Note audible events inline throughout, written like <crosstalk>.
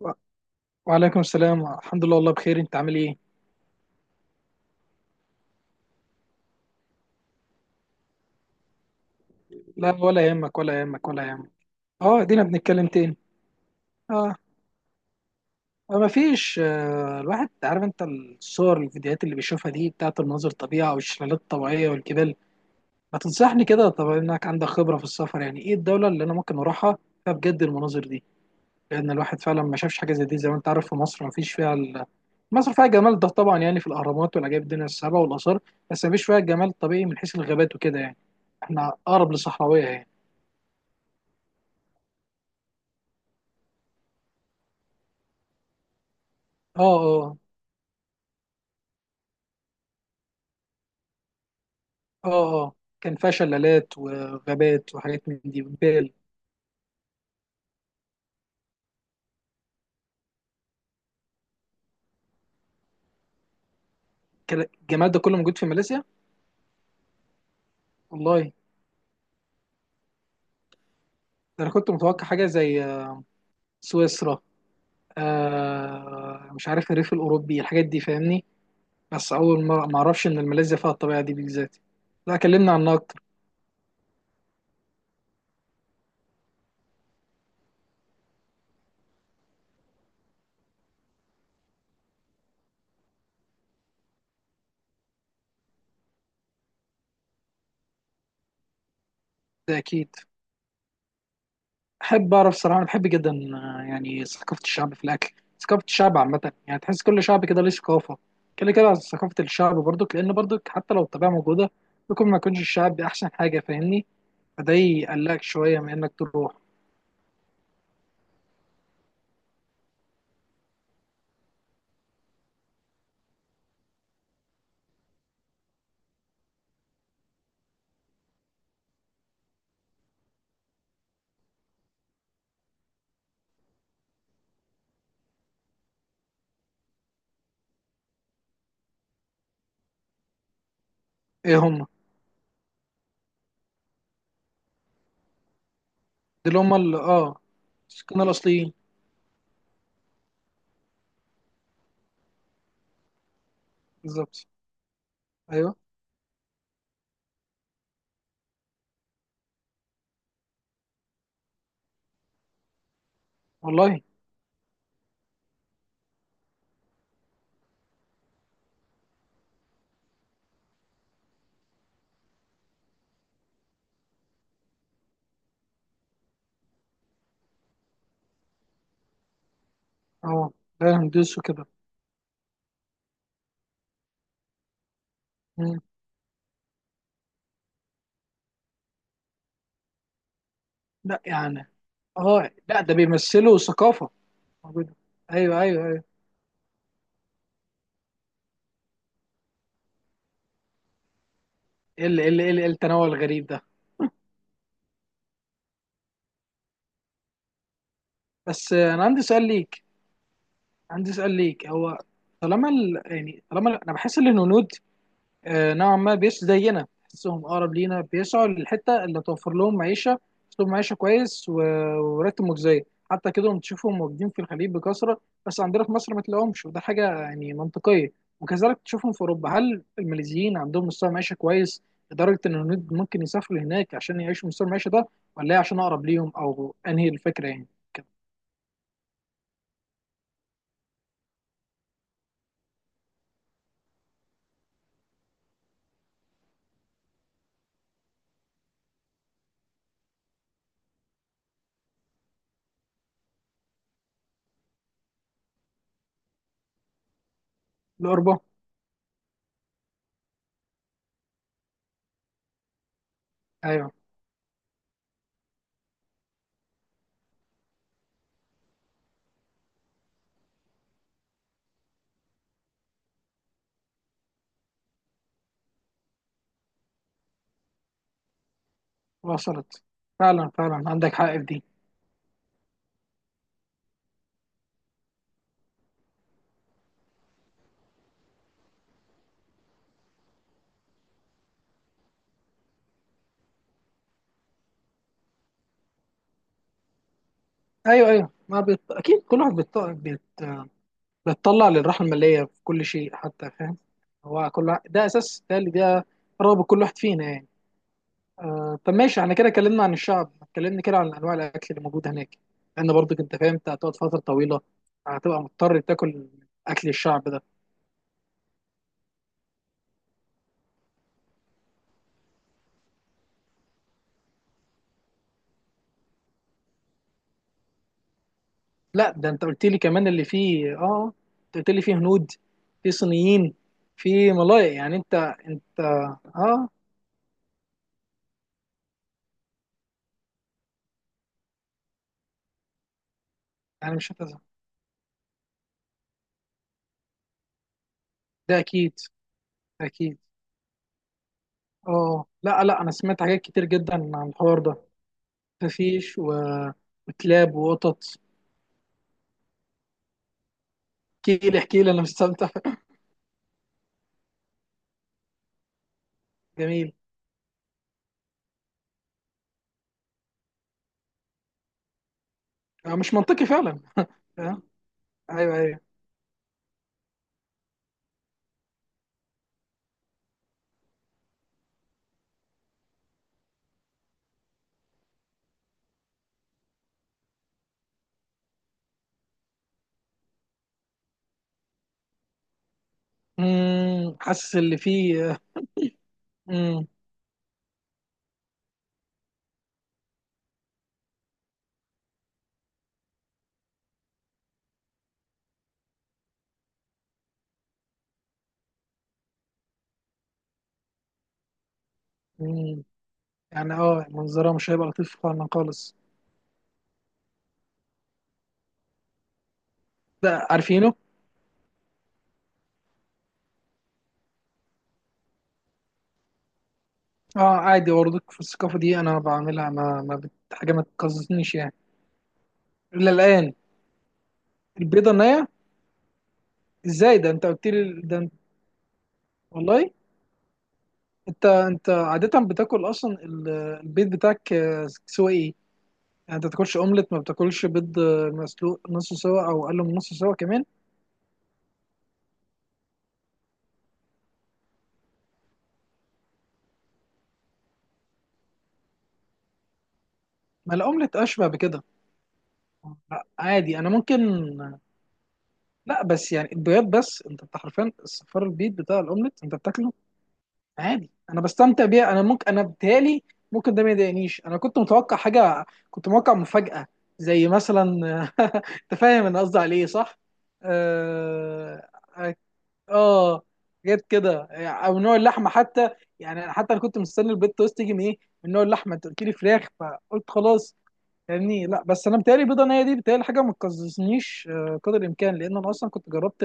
و- وعليكم السلام، الحمد لله والله بخير. انت عامل ايه؟ لا ولا يهمك، ولا يهمك، ولا يهمك. اه دينا بنتكلم تاني. اه ما فيش. الواحد عارف، انت الصور الفيديوهات اللي بيشوفها دي بتاعت المناظر الطبيعة والشلالات الطبيعية والجبال، ما تنصحني كده. طب انك عندك خبرة في السفر، يعني ايه الدولة اللي انا ممكن اروحها فيها بجد المناظر دي؟ لان الواحد فعلا ما شافش حاجة زي دي. زي ما انت عارف، في مصر ما فيش فيها مصر فيها جمال ده طبعا، يعني في الاهرامات والعجائب الدنيا السبع والاثار، بس ما فيش فيها الجمال الطبيعي من حيث الغابات وكده يعني. احنا اقرب لصحراوية يعني. اه. اه. اه. اه كان فيها شلالات وغابات وحاجات من دي وجبال. كان الجمال ده كله موجود في ماليزيا؟ والله ده انا كنت متوقع حاجه زي سويسرا، آه مش عارف الريف الاوروبي الحاجات دي، فاهمني. بس اول مره ما اعرفش ان ماليزيا فيها الطبيعه دي بالذات. لا كلمنا عنها اكتر. ده اكيد احب اعرف صراحه. انا بحب جدا يعني ثقافه الشعب في الاكل. ثقافه الشعب عامه، يعني تحس كل شعب كده ليه ثقافه. كده كده ثقافه الشعب برضك، لان برضك حتى لو الطبيعه موجوده، ممكن ما يكونش الشعب دي احسن حاجه، فاهمني. فده يقلقك شويه من انك تروح. ايه هم دول؟ اللي هم السكان الاصليين. بالظبط. ايوه. والله. اه. لا هندوس وكده. مم. لا يعني اه لا، ده بيمثلوا ثقافه موجوده. ايوه ايوه ايوه. إيه التنوع الغريب ده! بس انا عندي سؤال ليك. عندي سؤال ليك، هو طالما ال... يعني طالما ال- انا بحس ان الهنود نوعا ما بيش زينا، بحسهم اقرب لينا، بيسعوا للحته اللي توفر لهم معيشه، اسلوب معيشه كويس وراتب مجزي. حتى كده هم تشوفهم موجودين في الخليج بكثره، بس عندنا في مصر ما تلاقيهمش، وده حاجه يعني منطقيه. وكذلك تشوفهم في اوروبا. هل الماليزيين عندهم مستوى معيشه كويس لدرجه ان الهنود ممكن يسافروا هناك عشان يعيشوا مستوى المعيشه ده؟ ولا هي عشان اقرب ليهم، او انهي الفكره يعني كده؟ لاوروبا. ايوه وصلت. فعلا فعلا عندك حق في دي. ايوه ايوه. ما بيط... اكيد كل واحد بيط... بيت... بيتطلع للراحه الماليه في كل شيء حتى، فاهم. ده اساس، ده اللي ده رغبه كل واحد فينا يعني. طب ماشي، احنا كده اتكلمنا عن الشعب، اتكلمنا كده عن انواع الاكل اللي موجود هناك. لان برضك انت فاهم، انت هتقعد فتره طويله، هتبقى مضطر تاكل اكل الشعب ده. لا ده انت قلت لي كمان اللي فيه اه، انت قلت لي فيه هنود، في صينيين، في ملايق، يعني انت انت اه. يعني مش هتزهق، ده اكيد. اكيد. اه لا لا، انا سمعت حاجات كتير جدا عن الحوار ده. مفيش و... وكلاب وقطط. احكي لي احكي لي انا مستمتع. <laughs> جميل. مش منطقي فعلا. آه، ايوه ايوه. حاسس اللي فيه. امم امم يعني اه منظرها مش هيبقى لطيف فعلا خالص. ده عارفينه. اه عادي، برضك في الثقافه دي انا بعملها ما ما بت... حاجه ما تقززنيش يعني. الا الان البيضه النيه؟ ازاي ده انت قلت لي، ده انت... والله. انت عادة بتاكل اصلا البيض بتاعك سوا ايه؟ يعني انت بتاكلش اومليت؟ ما بتاكلش بيض مسلوق نص سوا او اقل من نص سوا كمان؟ ما الاومليت اشبه بكده. لا، عادي انا ممكن. لا بس يعني البيض، بس انت بتاع حرفيا الصفار. البيض بتاع الاومليت انت بتاكله عادي، انا بستمتع بيها. انا ممكن، انا بتهيألي ممكن ده ما يضايقنيش. انا كنت متوقع حاجة، كنت متوقع مفاجأة، زي مثلا <laughs> انت فاهم انا قصدي على ايه صح؟ آه، اه جت كده، او نوع اللحمه حتى. يعني انا حتى انا كنت مستني البيت توست تيجي من ايه، من نوع اللحمه. انت قلت لي فراخ فقلت خلاص، فاهمني. لا بس انا بتهيألي بيضه نيه دي بتهيألي حاجه ما تقززنيش قدر الامكان، لان انا اصلا كنت جربت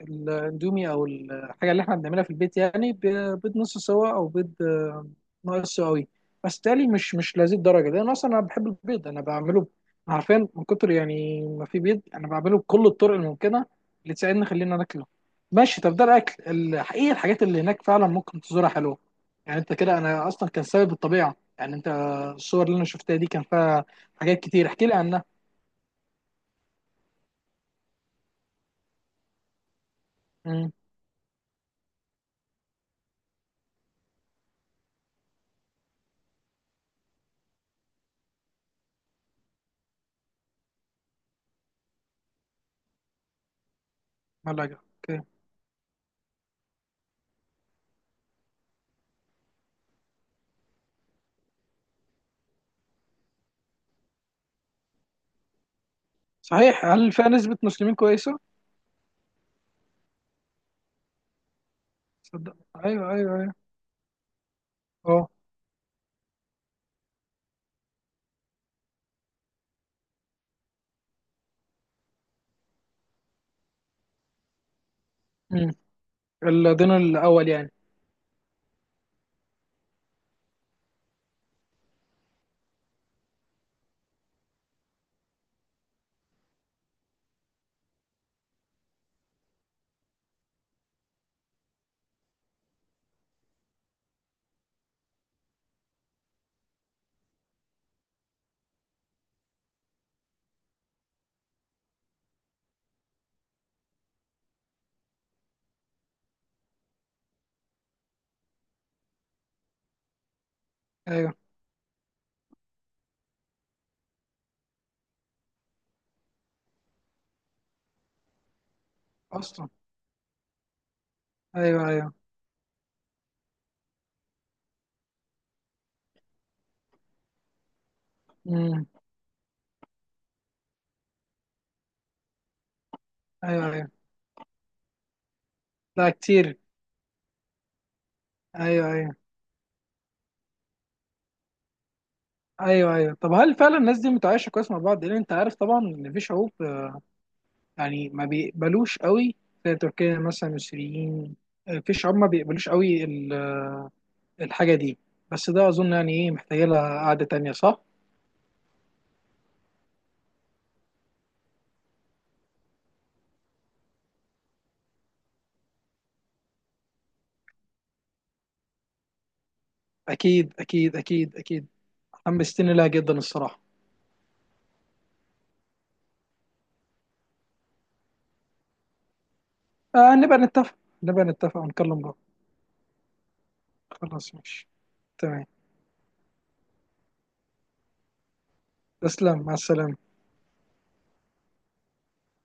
الاندومي او الحاجه اللي احنا بنعملها في البيت، يعني بيض نص سوا او بيض ناقص سواوي. بس تالي مش لهذه الدرجه، لان اصلا انا بحب البيض. انا بعمله، عارفين، من كتر يعني ما في بيض انا بعمله بكل الطرق الممكنه اللي تساعدني خلينا ناكله. ماشي، طب ده الاكل. الحقيقه الحاجات اللي هناك فعلا ممكن تزورها حلوه. يعني انت كده، انا اصلا كان سبب الطبيعه. يعني انت الصور اللي انا شفتها دي كان فيها حاجات كتير، احكي لي عنها. امم. ملاجئ، اوكي. صحيح، هل فيها نسبه مسلمين كويسه؟ صدق. ايوه ايوه ايوه. اه. أمم. الدينار الاول يعني. ايوه اصلا. ايوه ايوه. امم. ايوه ايوه. لا كتير. ايوه ايوه ايوه. ايوه طب هل فعلا الناس دي متعايشه كويس مع بعض؟ لان انت عارف طبعا ان في شعوب يعني ما بيقبلوش قوي، زي تركيا مثلا السوريين. في شعوب ما بيقبلوش قوي الحاجه دي. بس ده اظن يعني ايه محتاجه لها قعده تانيه صح. اكيد اكيد اكيد اكيد. حمستني لها جدا الصراحه. نبقى نتفق. نبقى نتفق ونكلم بعض. خلاص ماشي. تمام. تسلم، مع السلامة.